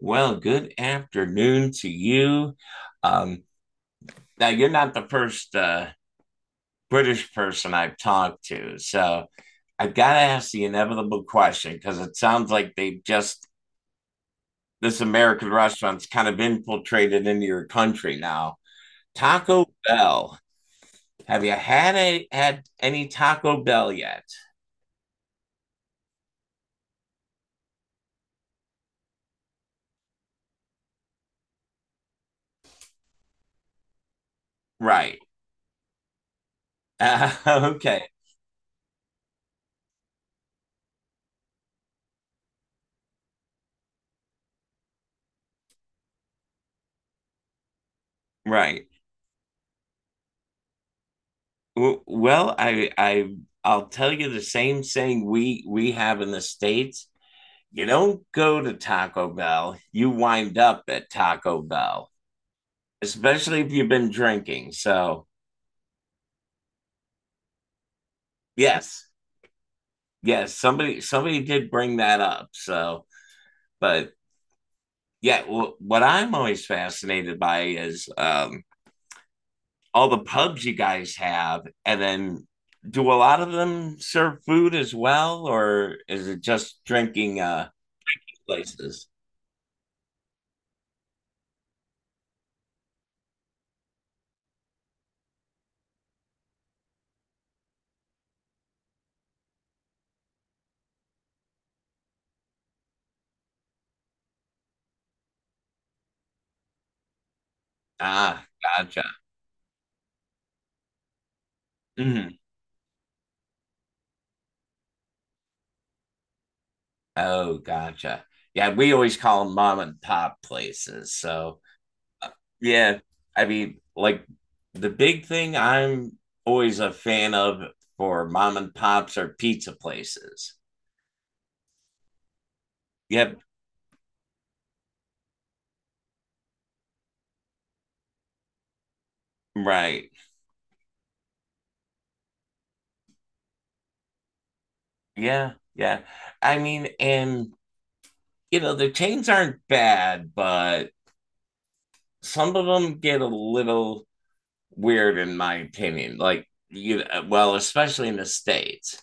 Well, good afternoon to you. Um, Now, you're not the first British person I've talked to. So I've got to ask the inevitable question because it sounds like they've just, this American restaurant's kind of infiltrated into your country now. Taco Bell. Have you had a, had any Taco Bell yet? Right. Uh, okay. Right. Well, I I'll tell you the same thing we have in the States. You don't go to Taco Bell, you wind up at Taco Bell, especially if you've been drinking. So, yes, yes, somebody did bring that up. So, but yeah, what I'm always fascinated by is all the pubs you guys have, and then do a lot of them serve food as well, or is it just drinking places? Ah, gotcha. Mhm. Oh, gotcha. Yeah, we always call them mom and pop places. So, yeah, I mean, like the big thing I'm always a fan of for mom and pops are pizza places. Yep, right. Yeah, yeah. I mean, and you know, the chains aren't bad, but some of them get a little weird in my opinion. Like you well, especially in the states.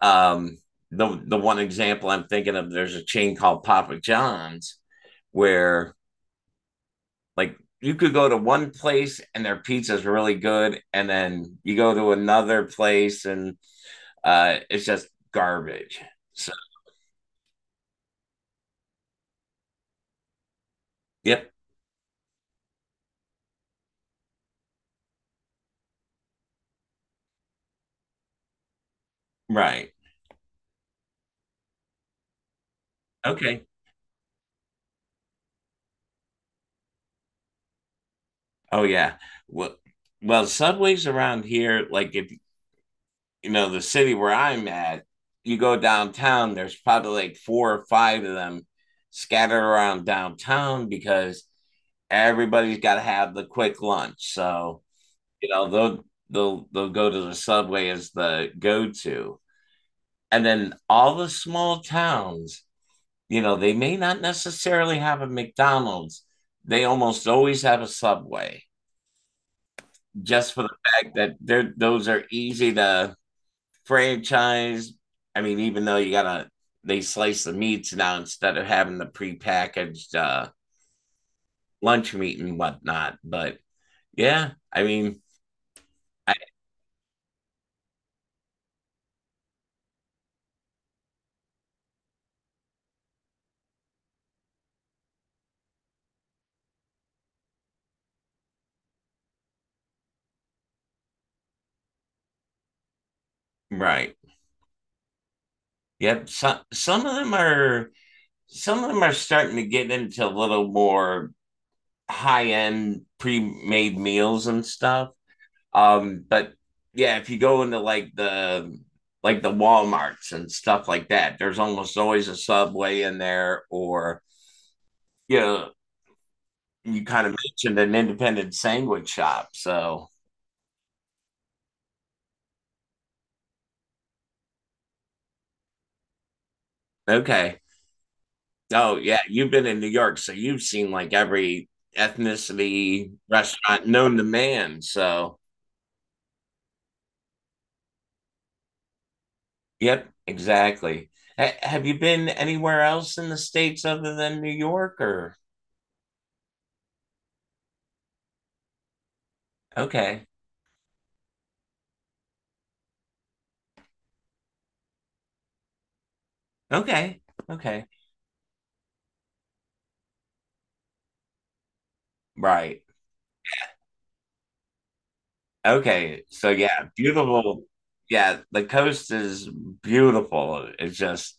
Um, the one example I'm thinking of, there's a chain called Papa John's where like you could go to one place and their pizza is really good, and then you go to another place and it's just garbage. So yep, right, okay, oh yeah. Well, well, subways around here, like if you know, the city where I'm at, you go downtown, there's probably like four or five of them scattered around downtown because everybody's got to have the quick lunch. So, you know, they'll go to the subway as the go to. And then all the small towns, you know, they may not necessarily have a McDonald's, they almost always have a subway just for the fact that they're, those are easy to franchise. I mean, even though you gotta they slice the meats now instead of having the prepackaged lunch meat and whatnot. But yeah, I mean, I, right? Yep. Some of them are some of them are starting to get into a little more high end pre made meals and stuff. But yeah, if you go into like the Walmarts and stuff like that, there's almost always a Subway in there or you know you kind of mentioned an independent sandwich shop. So, okay. Oh, yeah. You've been in New York. So you've seen like every ethnicity restaurant known to man. So, yep, exactly. Have you been anywhere else in the States other than New York or? Okay. Okay. Okay. Right. Okay, so yeah, beautiful. Yeah, the coast is beautiful. It's just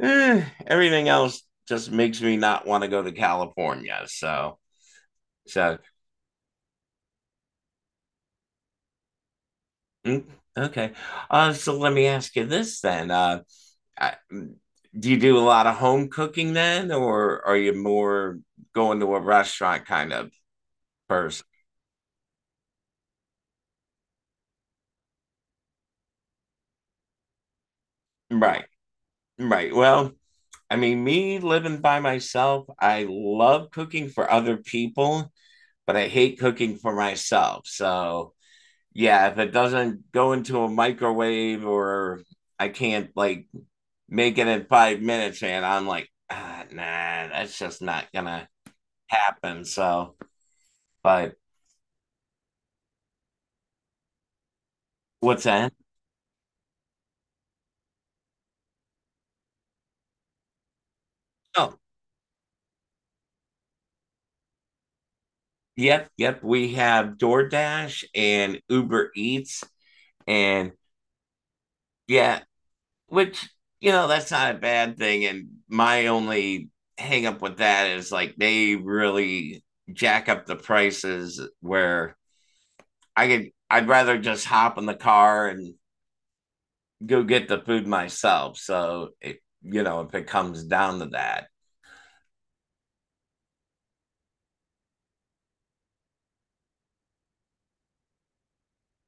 everything else just makes me not want to go to California. So mm, okay. So let me ask you this then. I, mm, do you do a lot of home cooking then, or are you more going to a restaurant kind of person? Right, right. Well, I mean, me living by myself, I love cooking for other people, but I hate cooking for myself. So yeah, if it doesn't go into a microwave or I can't like make it in 5 minutes, and I'm like, ah, nah, that's just not gonna happen. So, but what's that? Oh, yep, yep. We have DoorDash and Uber Eats, and yeah, which you know that's not a bad thing. And my only hang up with that is like they really jack up the prices where I could I'd rather just hop in the car and go get the food myself. So it, you know if it comes down to that.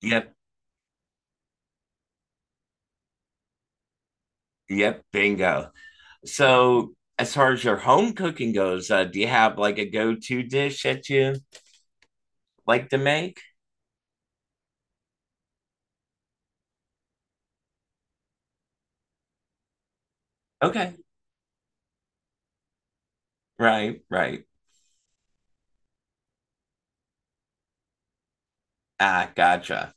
Yep, yep, bingo. So as far as your home cooking goes, do you have like a go-to dish that you like to make? Okay, right, right. Ah, gotcha.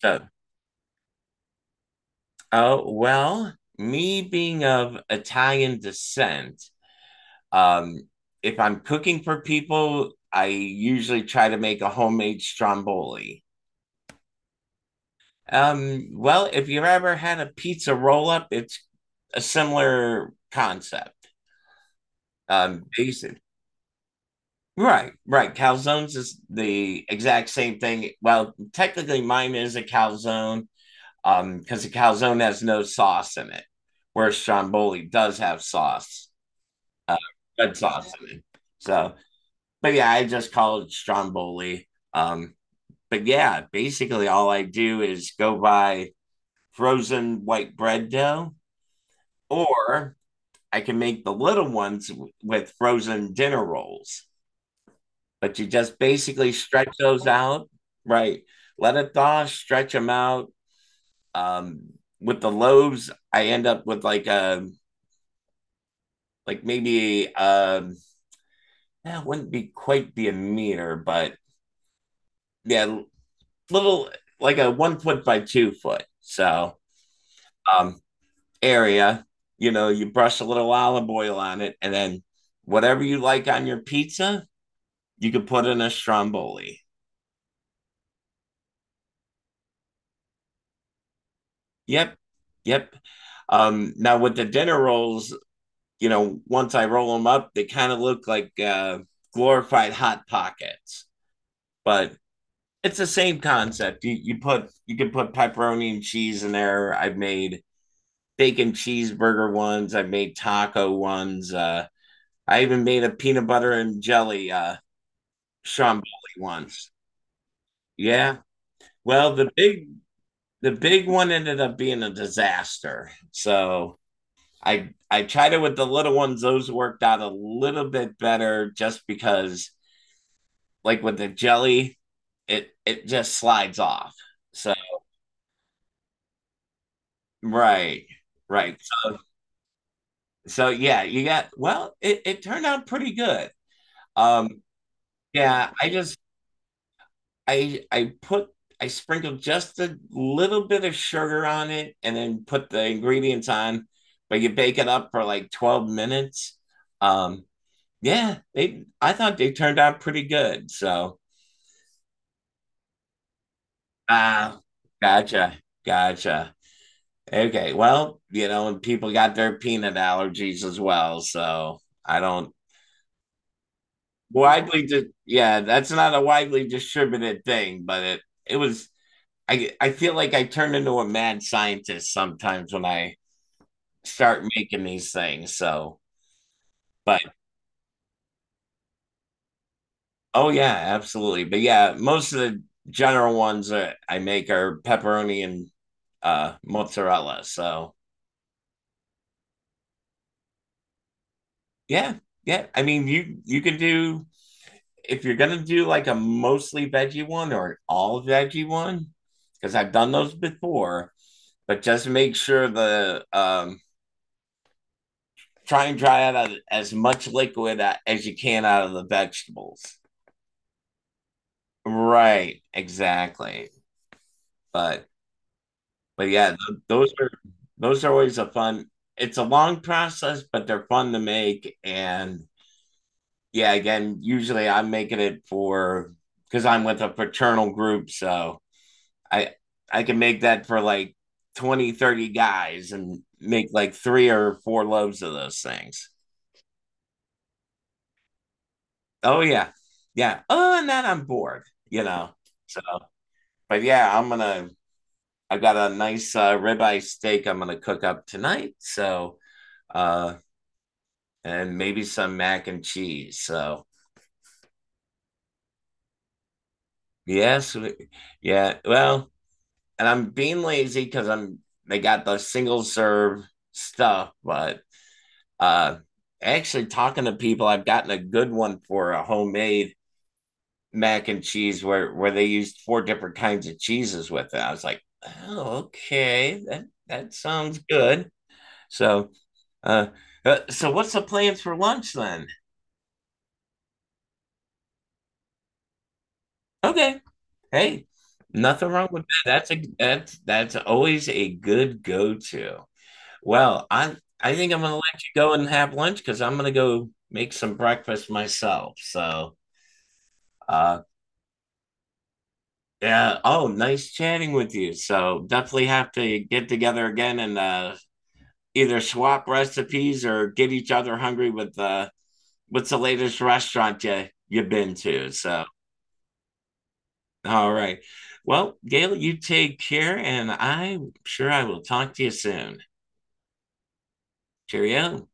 So oh, well, me being of Italian descent, um, if I'm cooking for people, I usually try to make a homemade stromboli. Well, if you've ever had a pizza roll up, it's a similar concept. Basic. Right, right. Calzones is the exact same thing. Well, technically, mine is a calzone, because a calzone has no sauce in it, whereas stromboli does have sauce. uh, Red sauce in it. So, but yeah, I just call it stromboli. Um, but yeah, basically all I do is go buy frozen white bread dough, or I can make the little ones with frozen dinner rolls. But you just basically stretch those out, right? Let it thaw, stretch them out. Um, with the loaves, I end up with like a like maybe that wouldn't be quite be a meter, but yeah, little like a 1 foot by 2 foot. So um area, you know, you brush a little olive oil on it, and then whatever you like on your pizza, you could put in a stromboli. Yep. Yep. Now with the dinner rolls, you know, once I roll them up, they kind of look like glorified hot pockets. But it's the same concept. You can put pepperoni and cheese in there. I've made bacon cheeseburger ones, I've made taco ones, I even made a peanut butter and jelly Sean once. Yeah. Well, the big one ended up being a disaster. So I tried it with the little ones. Those worked out a little bit better just because like with the jelly, it just slides off. So right, right. So yeah, you got well, it turned out pretty good. Um yeah, I just I put I sprinkled just a little bit of sugar on it and then put the ingredients on, but you bake it up for like 12 minutes. Um, yeah, they I thought they turned out pretty good. So ah, gotcha, gotcha. Okay, well, you know, and people got their peanut allergies as well, so I don't widely di- yeah, that's not a widely distributed thing, but it was I feel like I turn into a mad scientist sometimes when I start making these things. So, but oh yeah, absolutely. But yeah, most of the general ones that I make are pepperoni and mozzarella. So, yeah. Yeah, I mean you could do if you're gonna do like a mostly veggie one or an all veggie one, because I've done those before, but just make sure the try and dry out as much liquid as you can out of the vegetables. Right, exactly. But but yeah, those are always a fun. It's a long process, but they're fun to make. And yeah, again, usually I'm making it for because I'm with a fraternal group, so I I can make that for like 20, 30 guys and make like three or four loaves of those things. Oh yeah. Yeah. Oh, and then I'm bored, you know. So, but yeah, I've got a nice ribeye steak I'm going to cook up tonight. So, uh, and maybe some mac and cheese. So, yes, yeah. Well, and I'm being lazy because I'm they got the single serve stuff, but uh, actually talking to people, I've gotten a good one for a homemade mac and cheese where they used four different kinds of cheeses with it. I was like, oh, okay, that sounds good. So Uh, so what's the plans for lunch then? Okay, hey, nothing wrong with that. That's always a good go to. Well, I think I'm gonna let you go and have lunch because I'm gonna go make some breakfast myself. So uh yeah. Oh, nice chatting with you. So definitely have to get together again and either swap recipes or get each other hungry with what's the latest restaurant you've been to. So all right. Well, Gail, you take care, and I'm sure I will talk to you soon. Cheerio.